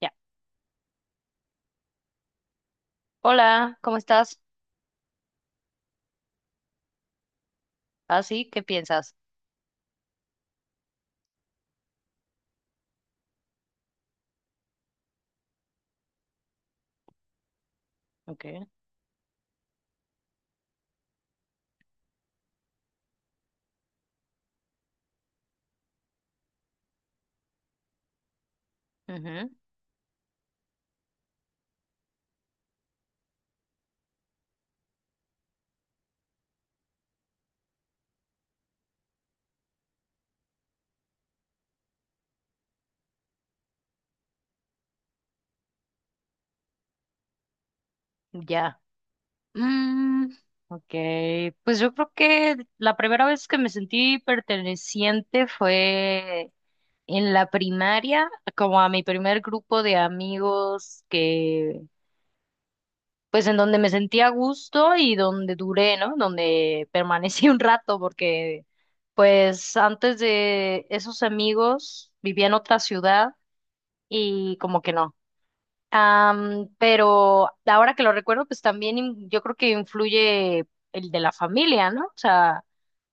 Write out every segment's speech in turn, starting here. Ya. Hola, ¿cómo estás? Ah, sí, ¿qué piensas? Okay. Ujú, ya. Mm, ok, pues yo creo que la primera vez que me sentí perteneciente fue en la primaria, como a mi primer grupo de amigos pues en donde me sentí a gusto y donde duré, ¿no? Donde permanecí un rato porque, pues antes de esos amigos vivía en otra ciudad y como que no. Pero ahora que lo recuerdo, pues también yo creo que influye el de la familia, ¿no? O sea,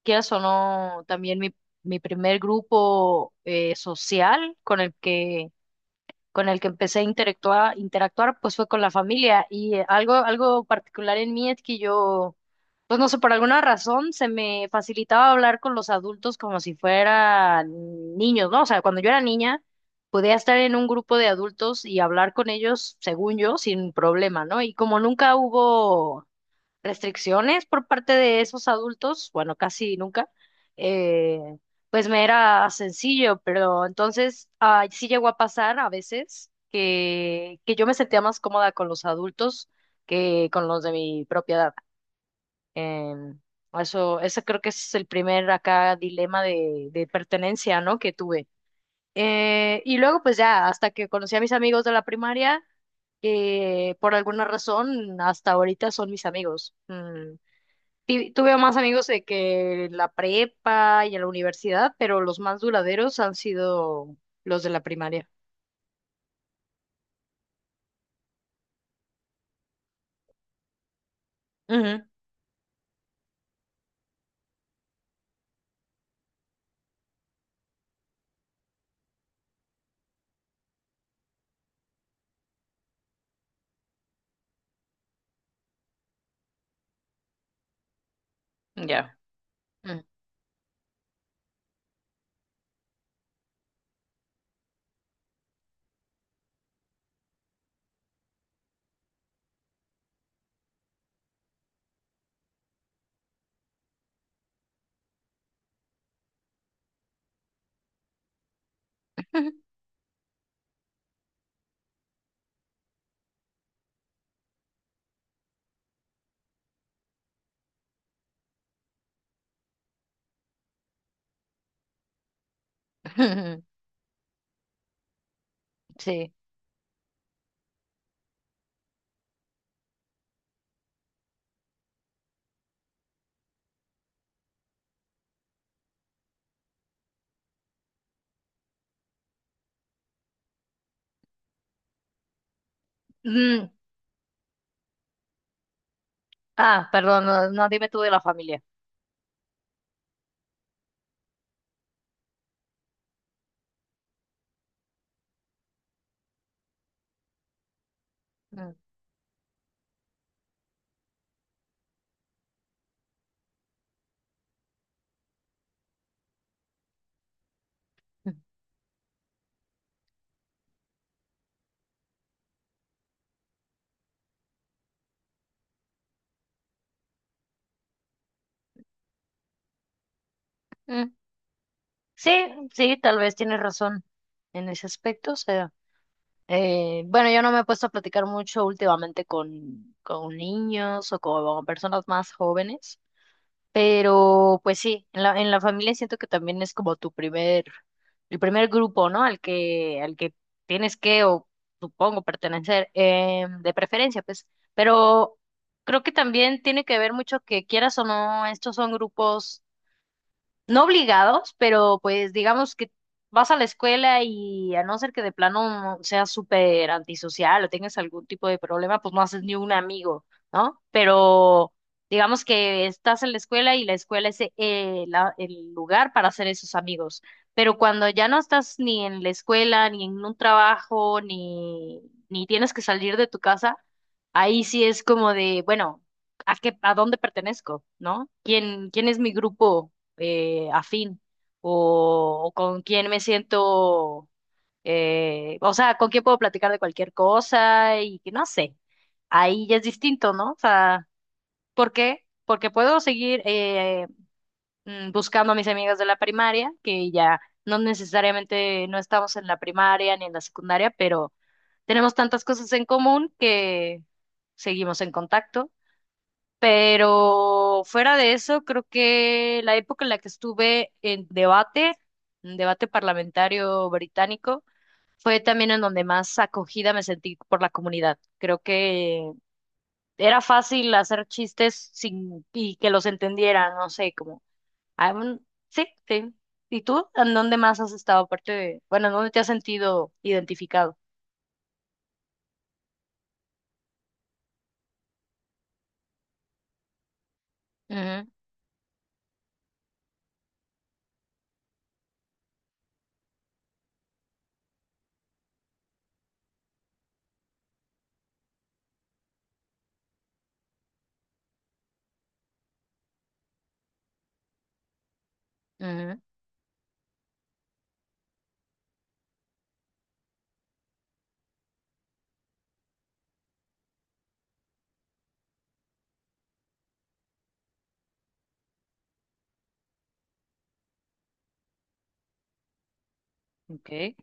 quieras o no, también mi primer grupo social con el que empecé a interactuar, pues fue con la familia. Y algo particular en mí es que yo, pues no sé, por alguna razón se me facilitaba hablar con los adultos como si fueran niños, ¿no? O sea, cuando yo era niña, podía estar en un grupo de adultos y hablar con ellos, según yo, sin problema, ¿no? Y como nunca hubo restricciones por parte de esos adultos, bueno, casi nunca, eh, pues me era sencillo, pero entonces sí llegó a pasar a veces que yo me sentía más cómoda con los adultos que con los de mi propia edad. Em, ese creo que es el primer acá dilema de pertenencia, ¿no?, que tuve. Y luego, pues ya, hasta que conocí a mis amigos de la primaria, que por alguna razón hasta ahorita son mis amigos. Mm, tuve más amigos de que la prepa y en la universidad, pero los más duraderos han sido los de la primaria. Ujú, ya. Mm. Sí. Mm, ah, perdón, no, no, dime tú de la familia. Mm, mm. Sí, sí, tal vez tienes razón en ese aspecto. O sea, bueno, yo no me he puesto a platicar mucho últimamente con niños o con personas más jóvenes. Pero pues sí, en en la familia siento que también es como tu primer, el primer grupo, ¿no? Al al que tienes que, o supongo, pertenecer, de preferencia, pues. Pero creo que también tiene que ver mucho que quieras o no, estos son grupos no obligados, pero pues digamos que vas a la escuela y a no ser que de plano seas súper antisocial o tengas algún tipo de problema, pues no haces ni un amigo, ¿no? Pero digamos que estás en la escuela y la escuela es el lugar para hacer esos amigos. Pero cuando ya no estás ni en la escuela, ni en un trabajo, ni tienes que salir de tu casa, ahí sí es como de, bueno, ¿a qué, a dónde pertenezco?, ¿no? ¿Quién, quién es mi grupo? Afín o con quién me siento, o sea, con quién puedo platicar de cualquier cosa y que no sé, ahí ya es distinto, ¿no? O sea, ¿por qué? Porque puedo seguir buscando a mis amigas de la primaria, que ya no necesariamente no estamos en la primaria ni en la secundaria, pero tenemos tantas cosas en común que seguimos en contacto. Pero fuera de eso, creo que la época en la que estuve en debate parlamentario británico, fue también en donde más acogida me sentí por la comunidad. Creo que era fácil hacer chistes sin y que los entendieran, no sé, como ah, mm, sí, sí. ¿Y tú? ¿En dónde más has estado? Aparte de, bueno, ¿en dónde te has sentido identificado? Ujú, ujú, ok,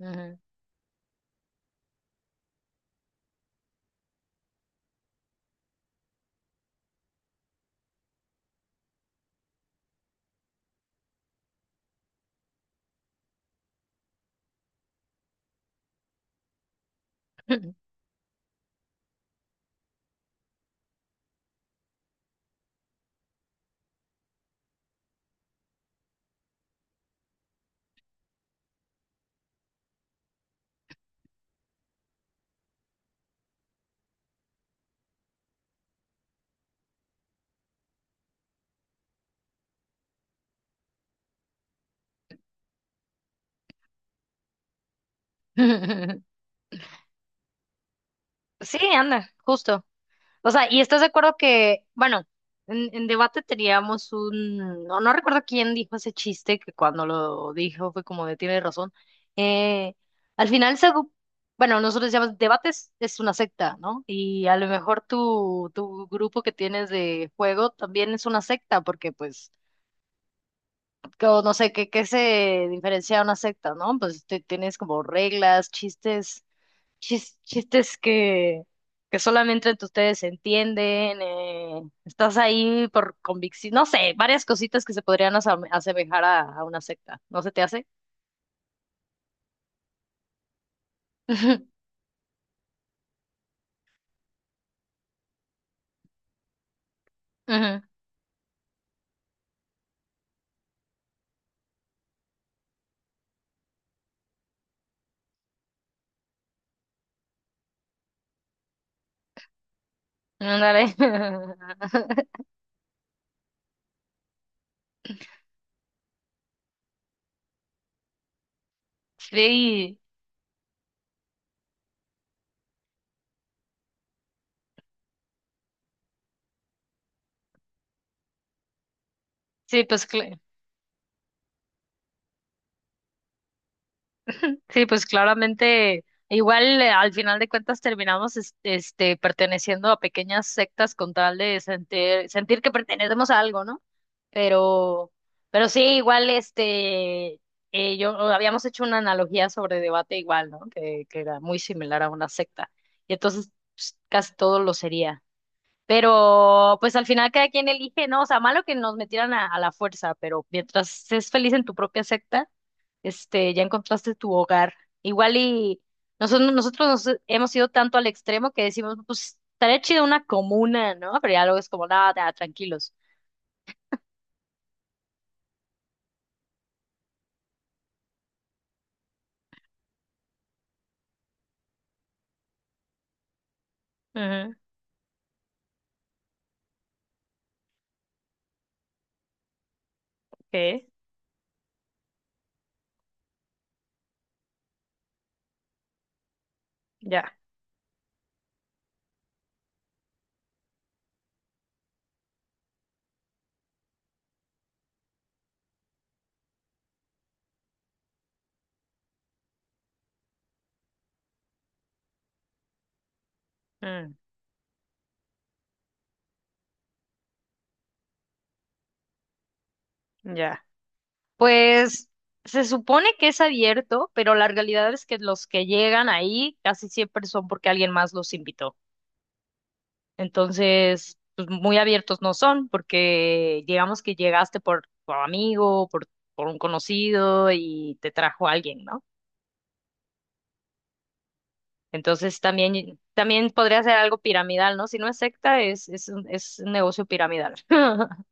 ujú. Sí, anda, justo. O sea, ¿y estás de acuerdo que, bueno, en debate teníamos un, no, no recuerdo quién dijo ese chiste, que cuando lo dijo fue como de tiene razón. Eh, Al final, bueno, nosotros llamamos debates, es una secta, ¿no? Y a lo mejor tu grupo que tienes de juego también es una secta, porque pues, no sé, ¿qué, qué se diferencia de una secta?, ¿no? Pues tienes como reglas, chistes chistes que solamente entre ustedes se entienden, estás ahí por convicción, no sé, varias cositas que se podrían asemejar a una secta, ¿no se te hace? Ujú, ándale. Sí, sí, pues sí, pues claramente, igual al final de cuentas terminamos este, perteneciendo a pequeñas sectas con tal de sentir que pertenecemos a algo, ¿no? Pero, pero sí, igual este, yo habíamos hecho una analogía sobre debate igual, ¿no? Que era muy similar a una secta. Y entonces pues, casi todo lo sería. Pero pues al final cada quien elige, ¿no? O sea, malo que nos metieran a la fuerza, pero mientras es feliz en tu propia secta este, ya encontraste tu hogar. Igual y nosotros nos hemos ido tanto al extremo que decimos, pues estaría chido una comuna, ¿no? Pero ya luego es como, nada, nada, tranquilos. Ujú, ok, ya, mm, ya. Pues se supone que es abierto, pero la realidad es que los que llegan ahí casi siempre son porque alguien más los invitó. Entonces, pues muy abiertos no son, porque digamos que llegaste por tu amigo, por un conocido y te trajo alguien, ¿no? Entonces también, también podría ser algo piramidal, ¿no? Si no es secta, es un negocio piramidal.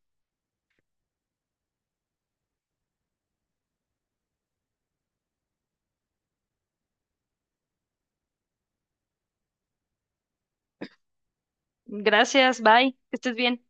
Gracias, bye, que estés bien.